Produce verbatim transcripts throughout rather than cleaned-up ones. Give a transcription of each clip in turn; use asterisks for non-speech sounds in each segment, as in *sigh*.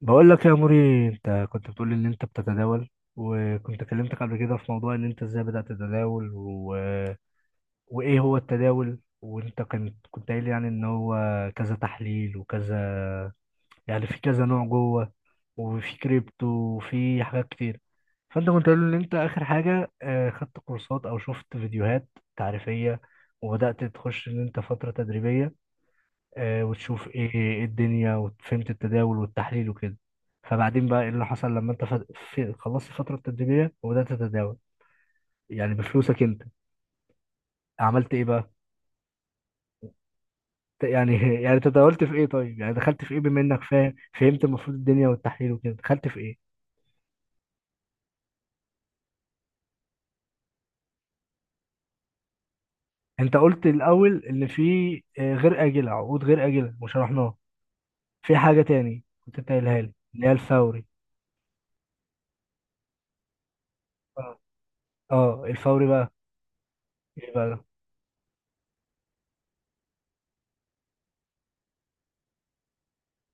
بقول لك يا موري، انت كنت بتقول لي ان انت بتتداول، وكنت كلمتك قبل كده في موضوع ان انت ازاي بدأت تتداول و... وايه هو التداول. وانت كنت كنت قايل يعني ان هو كذا تحليل وكذا، يعني في كذا نوع جوه، وفي كريبتو وفي حاجات كتير. فانت كنت قايل ان انت اخر حاجة اه، خدت كورسات او شفت فيديوهات تعريفية، وبدأت تخش ان انت فترة تدريبية، آه، وتشوف ايه إيه الدنيا، وفهمت التداول والتحليل وكده. فبعدين بقى ايه اللي حصل لما انت ف- في- خلصت الفترة التدريبية وبدأت تتداول يعني بفلوسك انت؟ عملت ايه بقى؟ ت- يعني *laughs* يعني تداولت في ايه؟ طيب يعني دخلت في ايه، بما انك فاهم فهمت المفروض الدنيا والتحليل وكده؟ دخلت في ايه؟ انت قلت الاول ان في آه، غير آجلة، عقود غير آجلة وشرحناها. في حاجة تاني كنت انت قايلها لي اللي هي الفوري. اه، آه، الفوري بقى ايه بقى؟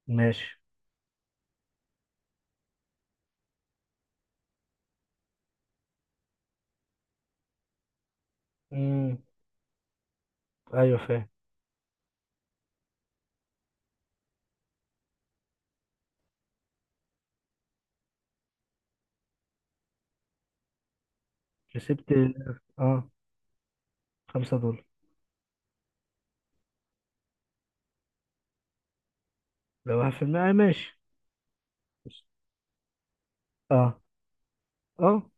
ماشي. امم. ايوه، فاهم. كسبت ال- اه خمسة دولار. لو واحد في المية، آه، ماشي. اه. اه.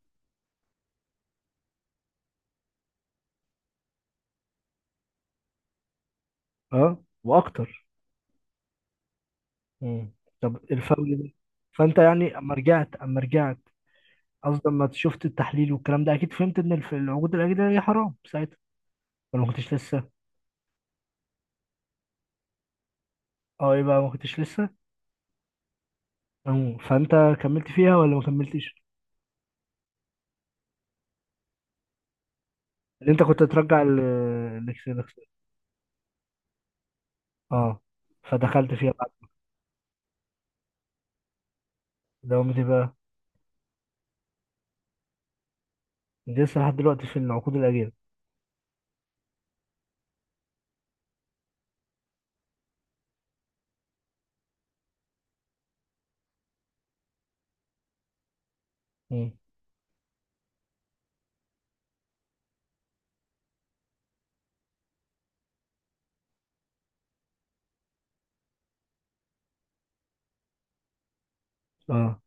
اه واكتر. مم. طب الفوري ده، فانت يعني اما رجعت اما رجعت، قصدي اما شفت التحليل والكلام ده، اكيد فهمت ان الف- العقود الاجنبيه حرام ساعتها، ولا ما كنتش لسه؟ اه، ايه بقى، ما كنتش لسه؟ أمم، فانت كملت فيها ولا ما كملتش؟ اللي انت كنت ترجع ال- الاكس، الاكس. اه، فدخلت فيها بعد. دوامتي بقى؟ دي لسه لحد دلوقتي في العقود الاجنبيه. مم. اه.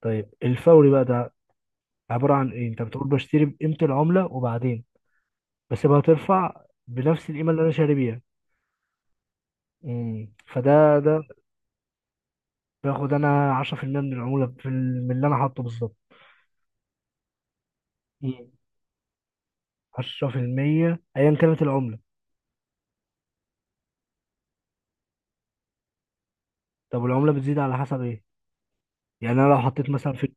طيب الفوري بقى ده عبارة عن ايه؟ انت بتقول بشتري بقيمة العملة، وبعدين بسيبها ترفع بنفس القيمة اللي انا شاري بيها. امم، فده ده باخد انا عشرة في المية من العمولة في ال- من اللي انا حاطه بالظبط؟ مم. عشرة في المية ايا كانت العملة. طب والعملة بتزيد على حسب ايه؟ يعني انا لو حطيت مثلا في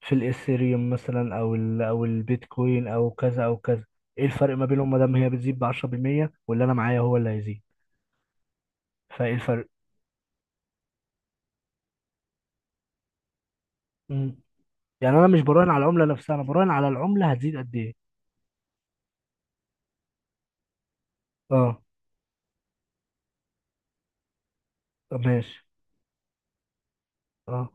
في الاثيريوم مثلا، او ال، او البيتكوين، او كذا او كذا، ايه الفرق ما بينهم ما دام هي بتزيد ب عشرة بالمية، واللي انا معايا هو اللي هيزيد؟ فايه الفرق؟ مم. يعني انا مش براهن على العملة نفسها، انا براهن على العملة هتزيد قد ايه. اه. طب ماشي. اه.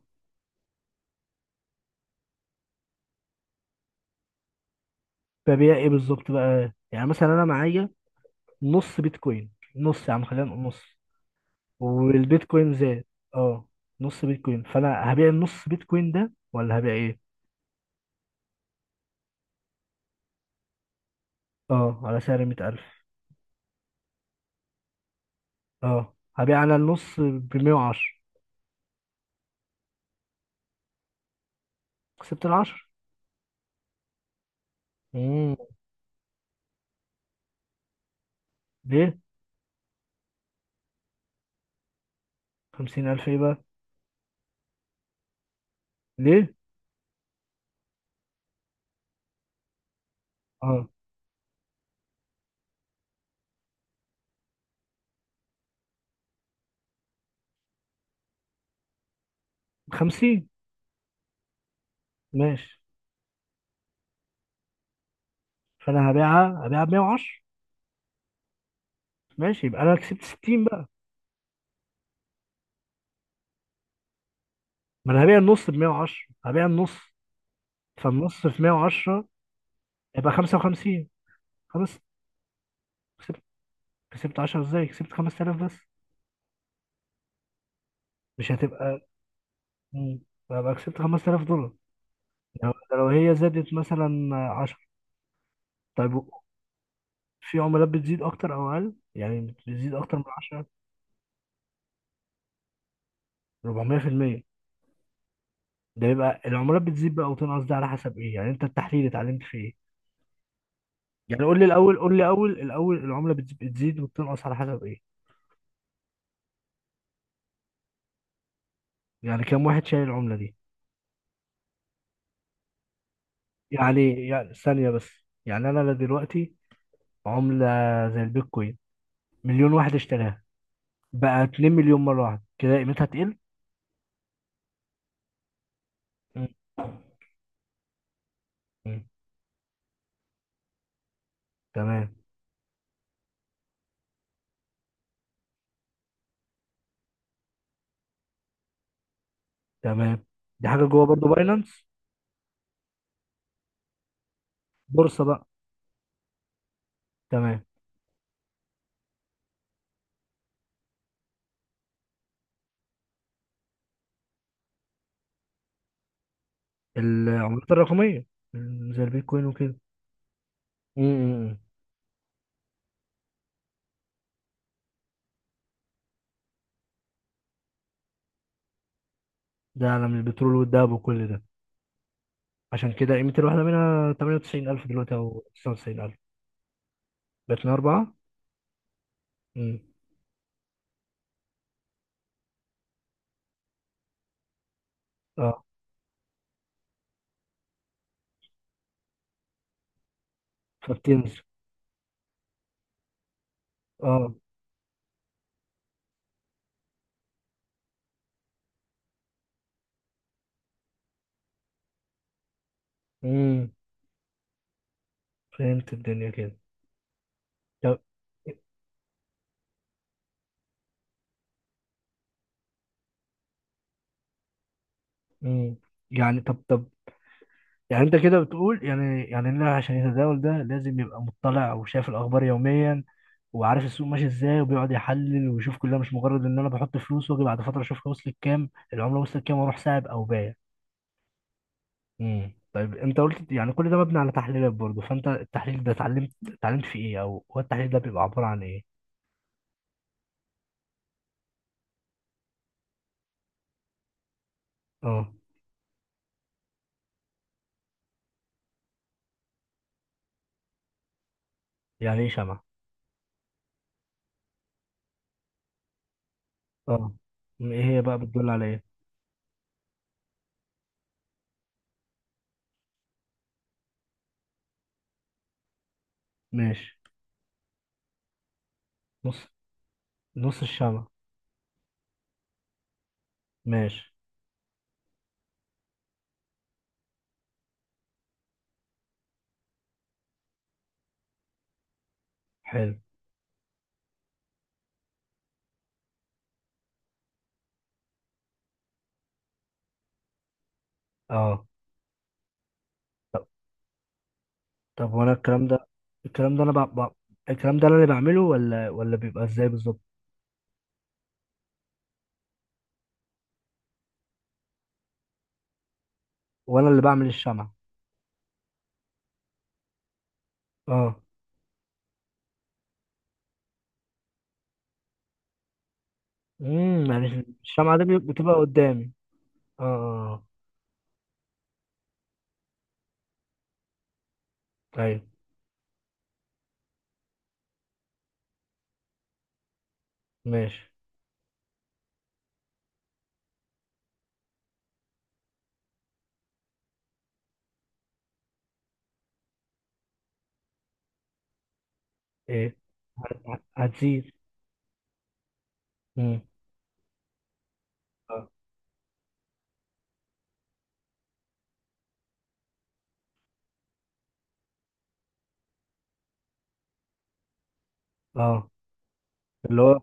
ببيع ايه بالظبط بقى؟ يعني مثلا انا معايا نص بيتكوين، نص، يا عم خلينا نقول نص، والبيتكوين زاد. اه. نص بيتكوين، فانا هبيع النص بيتكوين ده ولا هبيع ايه؟ اه، على سعر مية ألف. اه، هبيع انا النص ب مية وعشرة. كسبت ال عشرة. امم. ليه؟ خمسين ألف ايه بقى؟ ليه؟ اه. خمسين، ماشي. فانا هبيعها هبيعها ب مية وعشرة، ماشي، يبقى انا كسبت ستين بقى. ما انا هبيع النص ب مية وعشرة. هبيع النص، فالنص في مية وعشرة يبقى خمسة وخمسين. خلاص. كسبت. كسبت عشرة ازاي؟ كسبت خمسة آلاف بس؟ مش هتبقى؟ مم. يبقى كسبت خمسة آلاف دولار لو لو هي زادت مثلا عشرة. طيب و- في عملات بتزيد اكتر او اقل يعني؟ بتزيد اكتر من عشرة؟ اربعمية بالمية؟ ده يبقى العملات بتزيد بقى وتنقص ده على حسب ايه؟ يعني انت التحليل اتعلمت في ايه؟ يعني قول لي الاول، قول لي اول الاول العملة بتز- بتزيد وبتنقص على حسب ايه؟ يعني كام واحد شايل العملة دي؟ يعني يعني ثانية بس. يعني انا لا دلوقتي، عملة زي البيتكوين، مليون واحد اشتراها، بقى اتنين مليون مره واحده كده، قيمتها تقل؟ مم. مم. تمام. تمام. دي حاجه جوه برضو باينانس؟ بورصه بقى؟ تمام. العملات الرقميه زي البيتكوين وكده. مم. ده عالم البترول والذهب وكل ده. عشان كده قيمه الواحده منها تمانية وتسعين ألف دلوقتي او تسعة وتسعين ألف. بقت من اربعه. امم. اه. فبتنزل. اه. مم. فهمت الدنيا كده. طب. مم. يعني طب طب، يعني انت كده بتقول يعني يعني اللاعب عشان يتداول ده، لازم يبقى مطلع وشايف الاخبار يوميا، وعارف السوق ماشي ازاي وبيقعد يحلل ويشوف، كلها مش مجرد ان انا بحط فلوس واجي بعد فتره اشوفها وصلت كام، العمله وصلت كام واروح ساعب او بايع. امم. طيب انت قلت يعني كل ده مبني على تحليلات برضه، فانت التحليل ده اتعلمت اتعلمت في ايه، او هو التحليل ده بيبقى عباره عن ايه؟ اه. يعني ايه شمعة؟ اه. م- ايه هي بقى بتدل على ايه؟ ماشي. نص، نص الشمعة. ماشي. حلو. اه. طب وانا الكلام ده، الكلام ده انا بع... بع... الكلام ده انا اللي بعمله ولا ولا بيبقى ازاي بالظبط؟ وانا اللي بعمل الشمعة؟ اه. امم، يعني الشمعة دي بي- بتبقى قدامي؟ اه. اه. آه، ايوه. ماشي. ايه؟ هت- هتزيد. امم. اه. آه. اللي هو،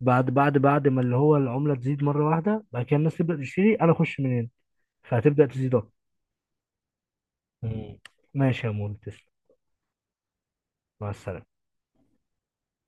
بعد بعد بعد ما اللي هو العملة تزيد مرة واحدة، بعد كده الناس تبدأ تشتري، انا اخش منين؟ فهتبدأ تزيد اكتر. مم. ماشي يا مول، تسلم. مع السلامة.